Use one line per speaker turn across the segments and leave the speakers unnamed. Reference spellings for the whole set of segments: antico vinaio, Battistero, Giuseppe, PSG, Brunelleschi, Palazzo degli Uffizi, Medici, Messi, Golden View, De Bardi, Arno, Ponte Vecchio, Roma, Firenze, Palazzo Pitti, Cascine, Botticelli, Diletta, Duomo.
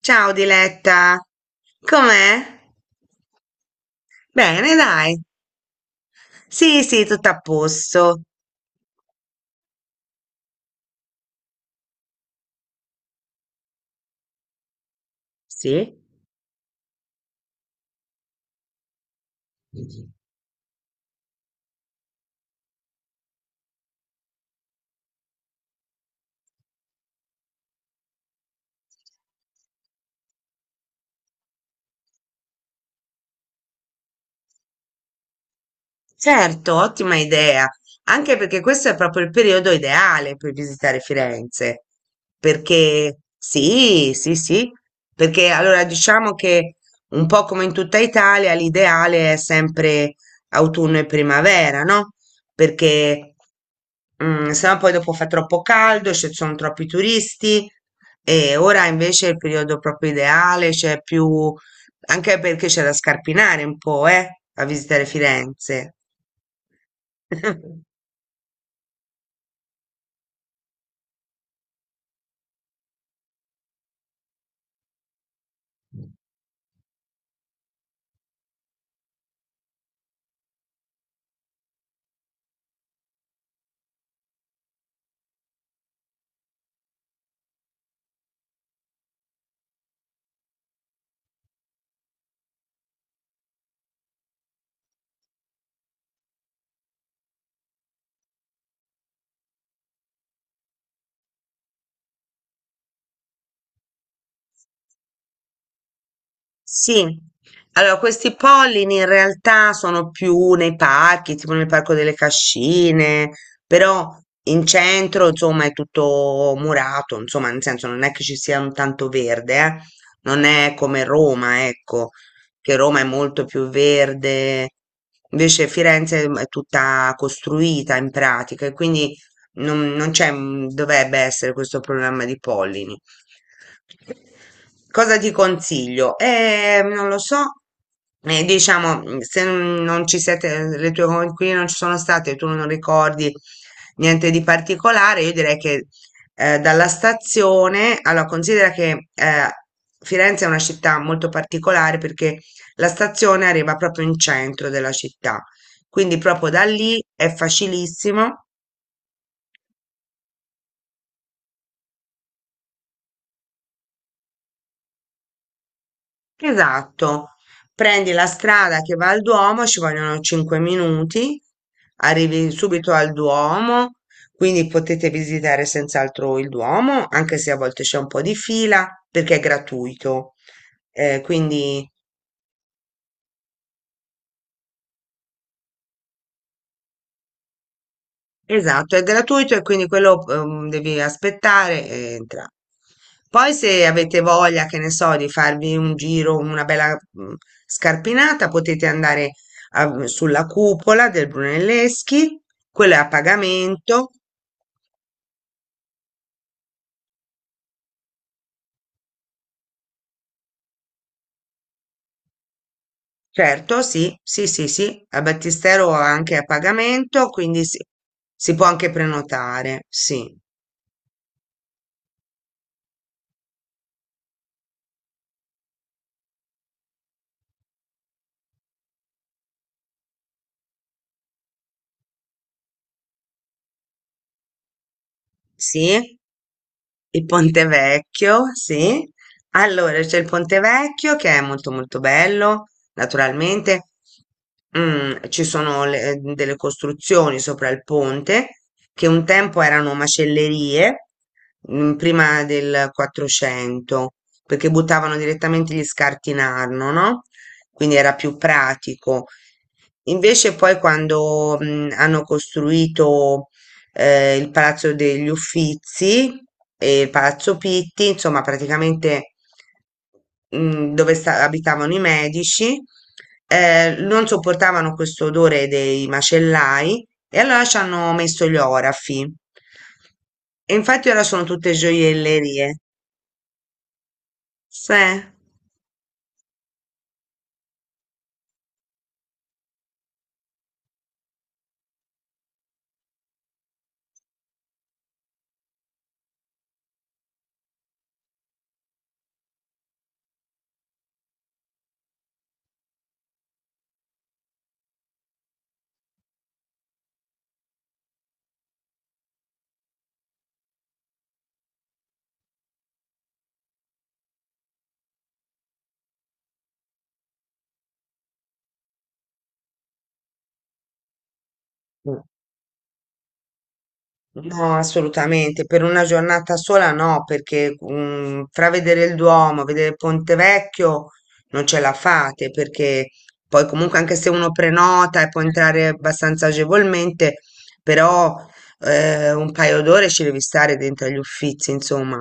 Ciao Diletta, com'è? Bene, dai. Sì, sì, tutto a posto. Sì? Certo, ottima idea, anche perché questo è proprio il periodo ideale per visitare Firenze, perché sì, sì, sì, perché allora diciamo che un po' come in tutta Italia l'ideale è sempre autunno e primavera, no? Perché sennò poi dopo fa troppo caldo, ci sono troppi turisti e ora invece è il periodo proprio ideale, c'è più, anche perché c'è da scarpinare un po', a visitare Firenze. Sì, allora questi pollini in realtà sono più nei parchi, tipo nel parco delle Cascine, però in centro insomma è tutto murato, insomma, nel senso, non è che ci sia un tanto verde, eh. Non è come Roma, ecco, che Roma è molto più verde, invece Firenze è tutta costruita in pratica e quindi non c'è, dovrebbe essere questo problema di pollini. Cosa ti consiglio? Non lo so, diciamo, se non ci siete, le tue coinquiline non ci sono state, tu non ricordi niente di particolare, io direi che dalla stazione, allora considera che Firenze è una città molto particolare perché la stazione arriva proprio in centro della città, quindi proprio da lì è facilissimo. Esatto, prendi la strada che va al Duomo, ci vogliono 5 minuti, arrivi subito al Duomo, quindi potete visitare senz'altro il Duomo, anche se a volte c'è un po' di fila perché è gratuito. Quindi esatto, è gratuito e quindi quello devi aspettare e entra. Poi se avete voglia, che ne so, di farvi un giro, una bella scarpinata, potete andare sulla cupola del Brunelleschi, quello è a pagamento. Certo, sì, sì, sì, sì, al Battistero anche a pagamento, quindi si può anche prenotare, sì, sì. Il Ponte Vecchio, sì. Allora, c'è il Ponte Vecchio che è molto molto bello, naturalmente. Ci sono delle costruzioni sopra il ponte che un tempo erano macellerie, prima del 400, perché buttavano direttamente gli scarti in Arno, no? Quindi era più pratico. Invece poi quando hanno costruito il Palazzo degli Uffizi e il Palazzo Pitti, insomma, praticamente dove abitavano i Medici, non sopportavano questo odore dei macellai e allora ci hanno messo gli orafi. E infatti ora sono tutte gioiellerie. Sì. No, assolutamente, per una giornata sola no, perché tra vedere il Duomo, vedere Ponte Vecchio non ce la fate, perché poi comunque anche se uno prenota e può entrare abbastanza agevolmente, però un paio d'ore ci devi stare dentro agli Uffizi, insomma,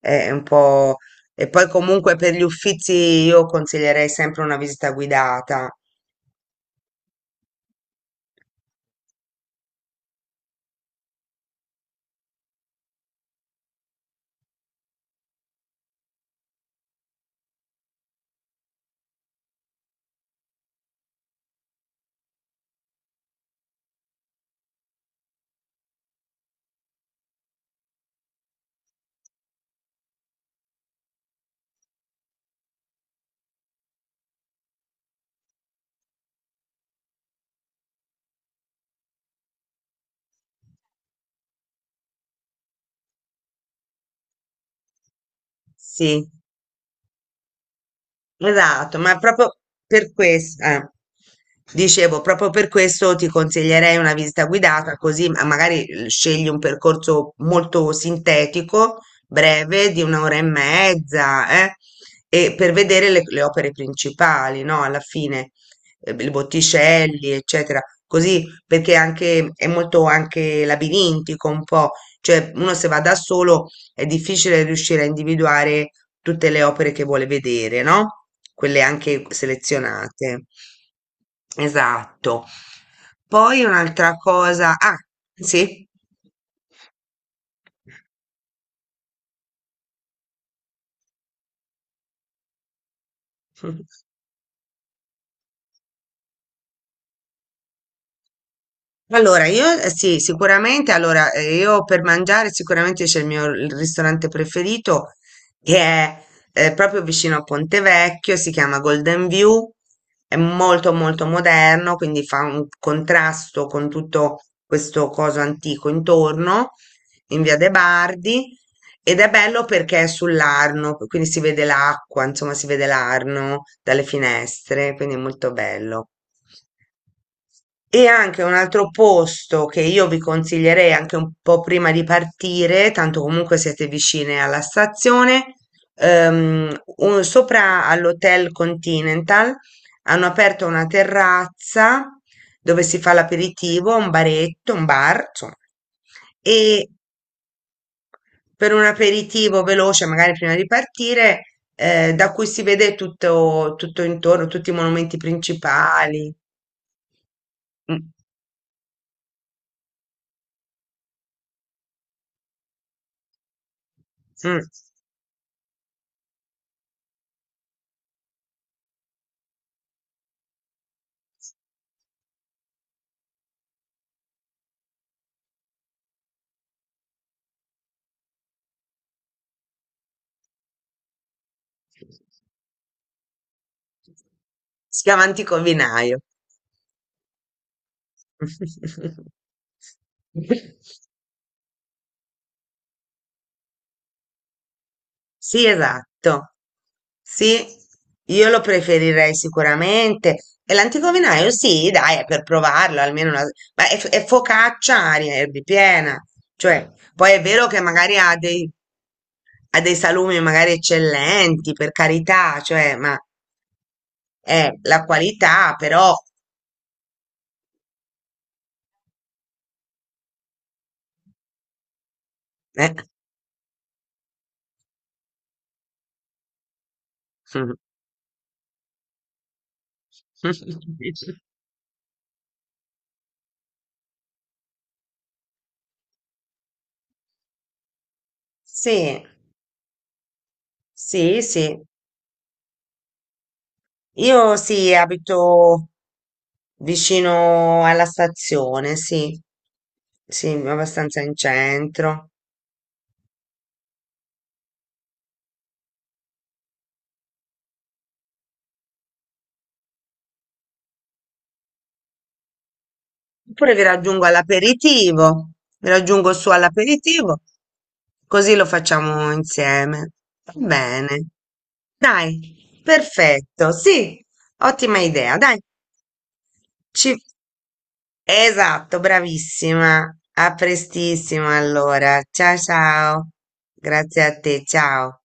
è un po'... E poi comunque per gli Uffizi io consiglierei sempre una visita guidata, sì. Esatto, ma proprio per questo, dicevo, proprio per questo ti consiglierei una visita guidata, così magari scegli un percorso molto sintetico, breve, di un'ora e mezza, e per vedere le opere principali, no? Alla fine, i Botticelli, eccetera. Così, perché anche è molto anche labirintico un po', cioè uno se va da solo è difficile riuscire a individuare tutte le opere che vuole vedere, no? Quelle anche selezionate. Esatto. Poi un'altra cosa. Ah, sì. Allora, io sì, sicuramente, allora, io per mangiare sicuramente c'è il ristorante preferito che è proprio vicino a Pontevecchio, si chiama Golden View, è molto molto moderno, quindi fa un contrasto con tutto questo coso antico intorno, in via de' Bardi, ed è bello perché è sull'Arno, quindi si vede l'acqua, insomma si vede l'Arno dalle finestre, quindi è molto bello. E anche un altro posto che io vi consiglierei, anche un po' prima di partire, tanto comunque siete vicine alla stazione, sopra all'Hotel Continental hanno aperto una terrazza dove si fa l'aperitivo, un baretto, un bar, insomma. E per un aperitivo veloce, magari prima di partire, da cui si vede tutto, tutto intorno, tutti i monumenti principali. Mm, mm. Si chiama Antico Vinaio. Sì, esatto. Sì, io lo preferirei sicuramente. E l'Antico Vinaio, sì, dai, è per provarlo, almeno una... Ma è focaccia aria erbipiena. Cioè, poi è vero che magari ha dei salumi magari eccellenti, per carità, cioè, ma è la qualità, però... eh. Sì, sì, sì. Io sì, abito vicino alla stazione, sì, sì, abbastanza in centro. Oppure vi raggiungo all'aperitivo, vi raggiungo su all'aperitivo, così lo facciamo insieme. Va bene. Dai, perfetto, sì, ottima idea. Dai, ci... Esatto, bravissima. A prestissimo allora. Ciao ciao. Grazie a te, ciao.